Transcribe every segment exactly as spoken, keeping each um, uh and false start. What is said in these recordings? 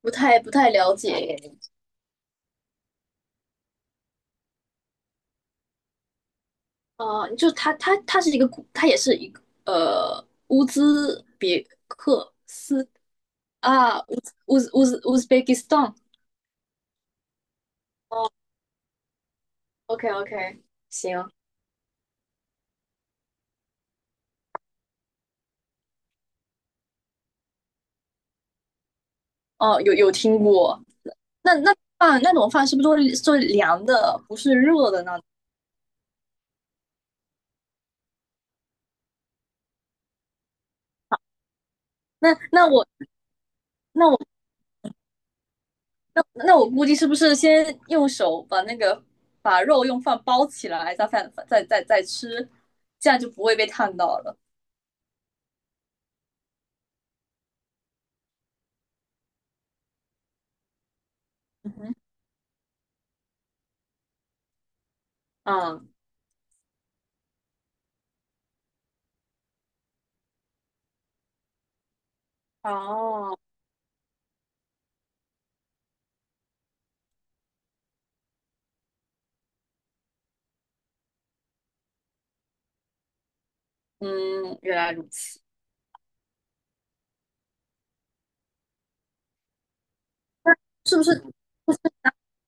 不太不太了解。啊，呃就他他他是一个古，他也是一个呃乌兹别克斯啊乌兹乌兹乌兹乌兹别克斯坦哦，OK OK，行。哦，有有听过。那那饭那种饭是不是做做凉的，不是热的呢？那那我那我那我估计是不是先用手把那个把肉用饭包起来，再饭再再再吃，这样就不会被烫到了。嗯哼。嗯。哦。嗯，原来如此。是不是？嗯，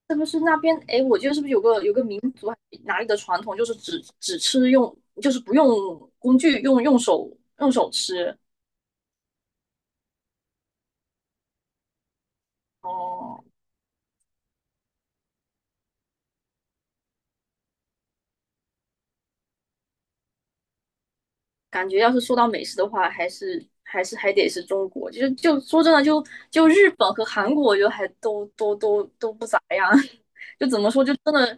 是不是那边？哎，我记得是不是有个有个民族还是哪里的传统，就是只只吃用，就是不用工具，用用手用手吃。哦。感觉要是说到美食的话，还是还是还得是中国。就是就说真的，就就日本和韩国，我觉得还都都都都不咋样。就怎么说，就真的。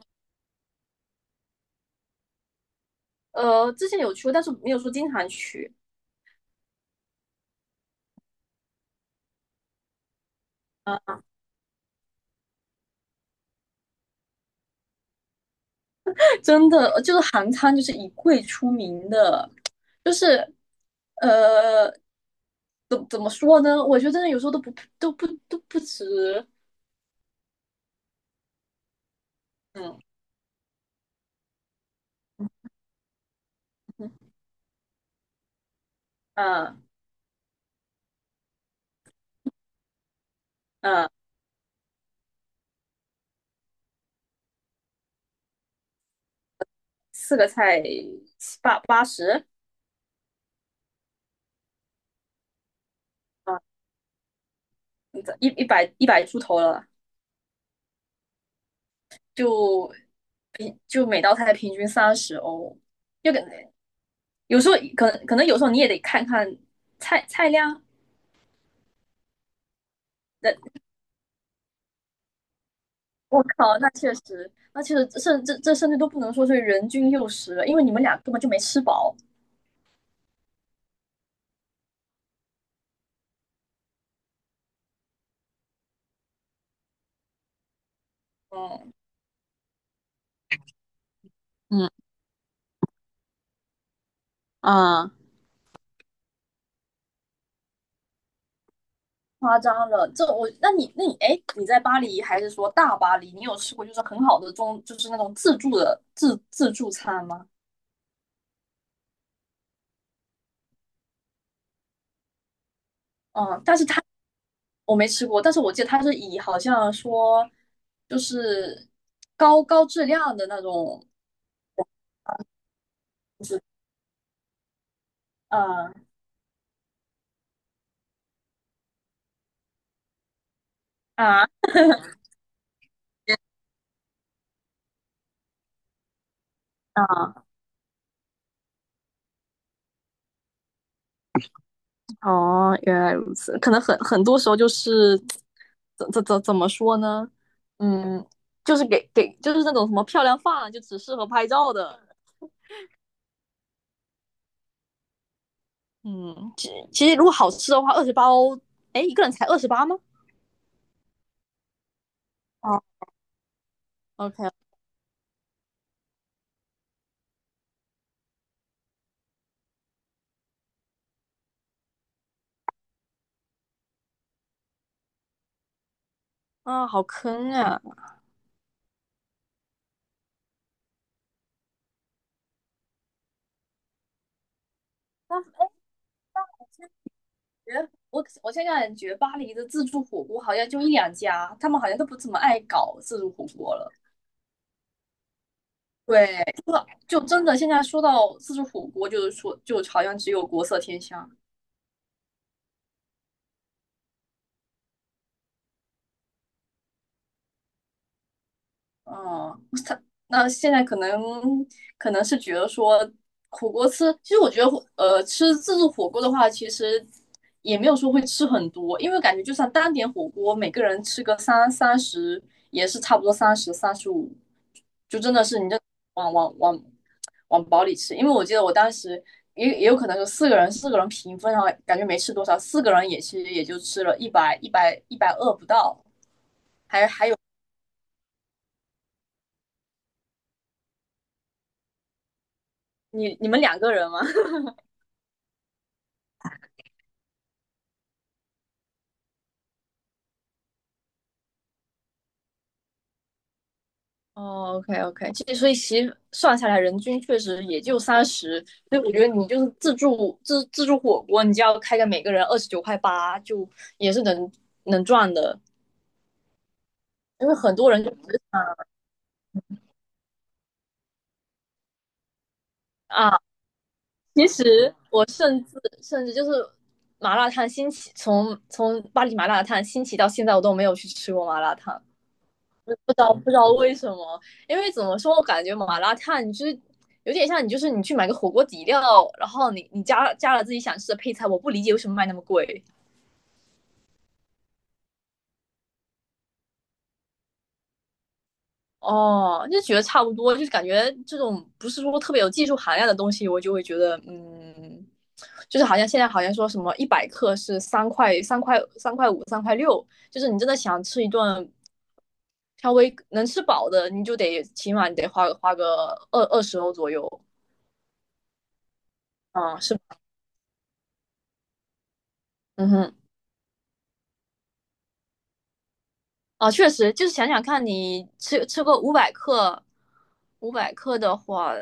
呃，之前有去过，但是没有说经常去。真的就是韩餐就是以贵出名的。就是呃，怎怎么说呢？我觉得真的有时候都不都不都不值。嗯嗯嗯。四个菜七八八十啊，一一百一百出头了。就平就每道菜平均三十欧，就可能有时候可能可能有时候你也得看看菜菜量。我靠，那确实，那确实。甚这这甚至都不能说是人均六十了，因为你们俩根本就没吃饱。嗯。嗯，啊，夸张了。这我，那你那你哎，你在巴黎还是说大巴黎？你有吃过就是很好的中，就是那种自助的自自助餐吗？嗯，但是它。我没吃过，但是我记得它是以好像说就是高高质量的那种。就是呃啊。哦，原来如此。可能很很多时候就是，怎怎怎怎么说呢？嗯。就是给给就是那种什么漂亮饭，就只适合拍照的。嗯，其其实如果好吃的话，二十八欧，哎，一个人才二十八吗？哦，OK。啊，好坑啊！但是哎，觉得我我现在感觉巴黎的自助火锅好像就一两家，他们好像都不怎么爱搞自助火锅了。对，就真的现在说到自助火锅，就是说就好像只有国色天香。哦。他那现在可能，可能是觉得说火锅吃，其实我觉得火呃吃自助火锅的话，其实也没有说会吃很多，因为感觉就算单点火锅，每个人吃个三三十也是差不多三十三十五，就真的是你这往往往往饱里吃。因为我记得我当时也也有可能是四个人四个人平分，然后感觉没吃多少，四个人也其实也就吃了一百一百一百二不到。你你们两个人吗？哦，OK OK。其实所以其实算下来，人均确实也就三十，所以我觉得你就是自助自自助火锅，你就要开个每个人二十九块八，就也是能能赚的。因为很多人就只啊，其实我甚至甚至就是麻辣烫兴起，从从巴黎麻辣烫兴起到现在，我都没有去吃过麻辣烫。不知道不知道为什么。因为怎么说，我感觉麻辣烫你就是有点像你就是你去买个火锅底料，然后你你加加了自己想吃的配菜，我不理解为什么卖那么贵。哦，就觉得差不多，就是感觉这种不是说特别有技术含量的东西，我就会觉得嗯，就是好像现在好像说什么一百克是三块三块三块五三块六，就是你真的想吃一顿，稍微能吃饱的，你就得起码你得花花个二二十欧左右。嗯，是，嗯哼。啊，确实，就是想想看你吃吃个五百克，五百克的话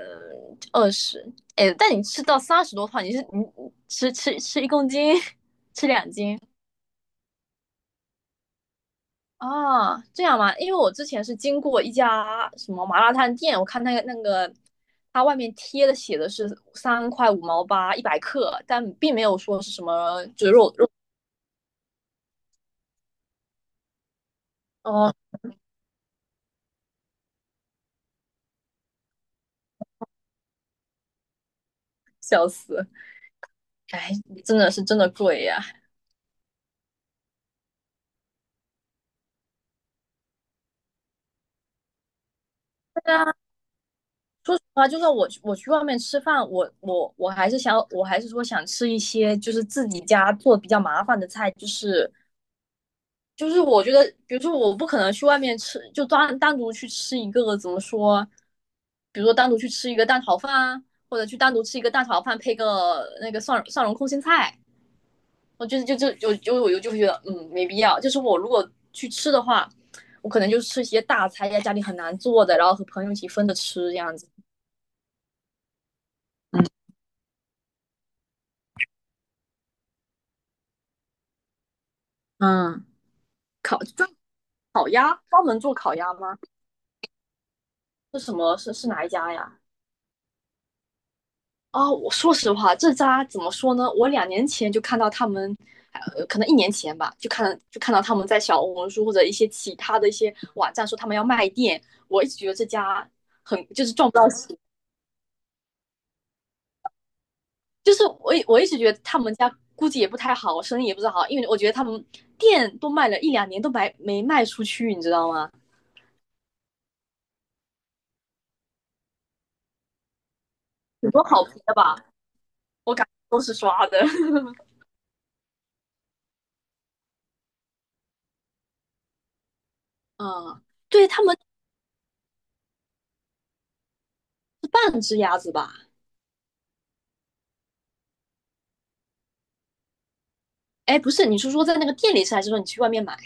二十，哎，但你吃到三十多的话，你是你你吃吃吃一公斤，吃两斤。啊？这样吗？因为我之前是经过一家什么麻辣烫店，我看那个那个，它外面贴的写的是三块五毛八一百克，但并没有说是什么就是肉肉。哦。笑死。哎。真的是真的贵呀、说实话，就算我我去外面吃饭，我我我还是想，我还是说想吃一些就是自己家做比较麻烦的菜。就是就是我觉得，比如说我不可能去外面吃，就单单独去吃一个怎么说，比如说单独去吃一个蛋炒饭啊，或者去单独吃一个蛋炒饭配个那个蒜蒜蓉空心菜，我就就就就就我就就会觉得嗯没必要。就是我如果去吃的话，我可能就吃一些大菜，在家里很难做的，然后和朋友一起分着吃这样子。嗯。烤就专门做烤鸭吗？是什么？是是哪一家呀？哦，我说实话，这家怎么说呢？我两年前就看到他们。呃，可能一年前吧，就看就看到他们在小红书或者一些其他的一些网站说他们要卖店。我一直觉得这家赚不到。就是我一我一直觉得他们家估计也不太好，生意也不是好，因为我觉得他们店都卖了一两年都没没卖出去，你知道吗？很多好评的吧。我感觉都是刷的。嗯，对他们是半只鸭子吧？哎，不是，你是说在那个店里吃，还是说你去外面买？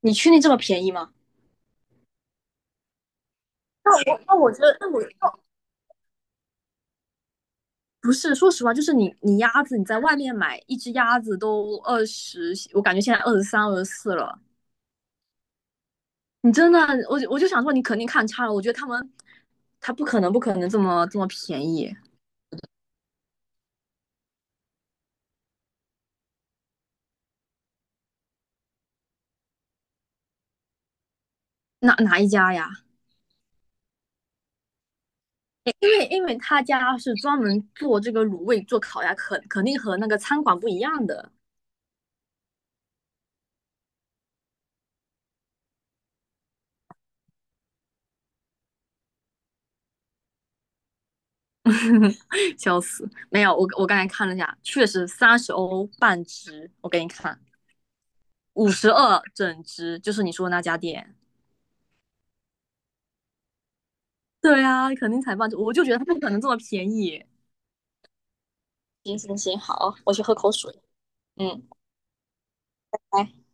你确定这么便宜吗？那哦我觉得，那我不是，说实话，就是你你鸭子你在外面买一只鸭子都二十，我感觉现在二十三、二十四了。你真的，我我就想说，你肯定看差了。我觉得他们他不可能不可能这么这么便宜。哪哪一家呀？因为因为他家是专门做这个卤味、做烤鸭，肯肯定和那个餐馆不一样的。笑死，没有，我我刚才看了一下，确实三十欧半只，我给你看。五十二整只，就是你说的那家店。对啊，肯定才半只，我就觉得它不可能这么便宜。行行行，好，我去喝口水。嗯。拜。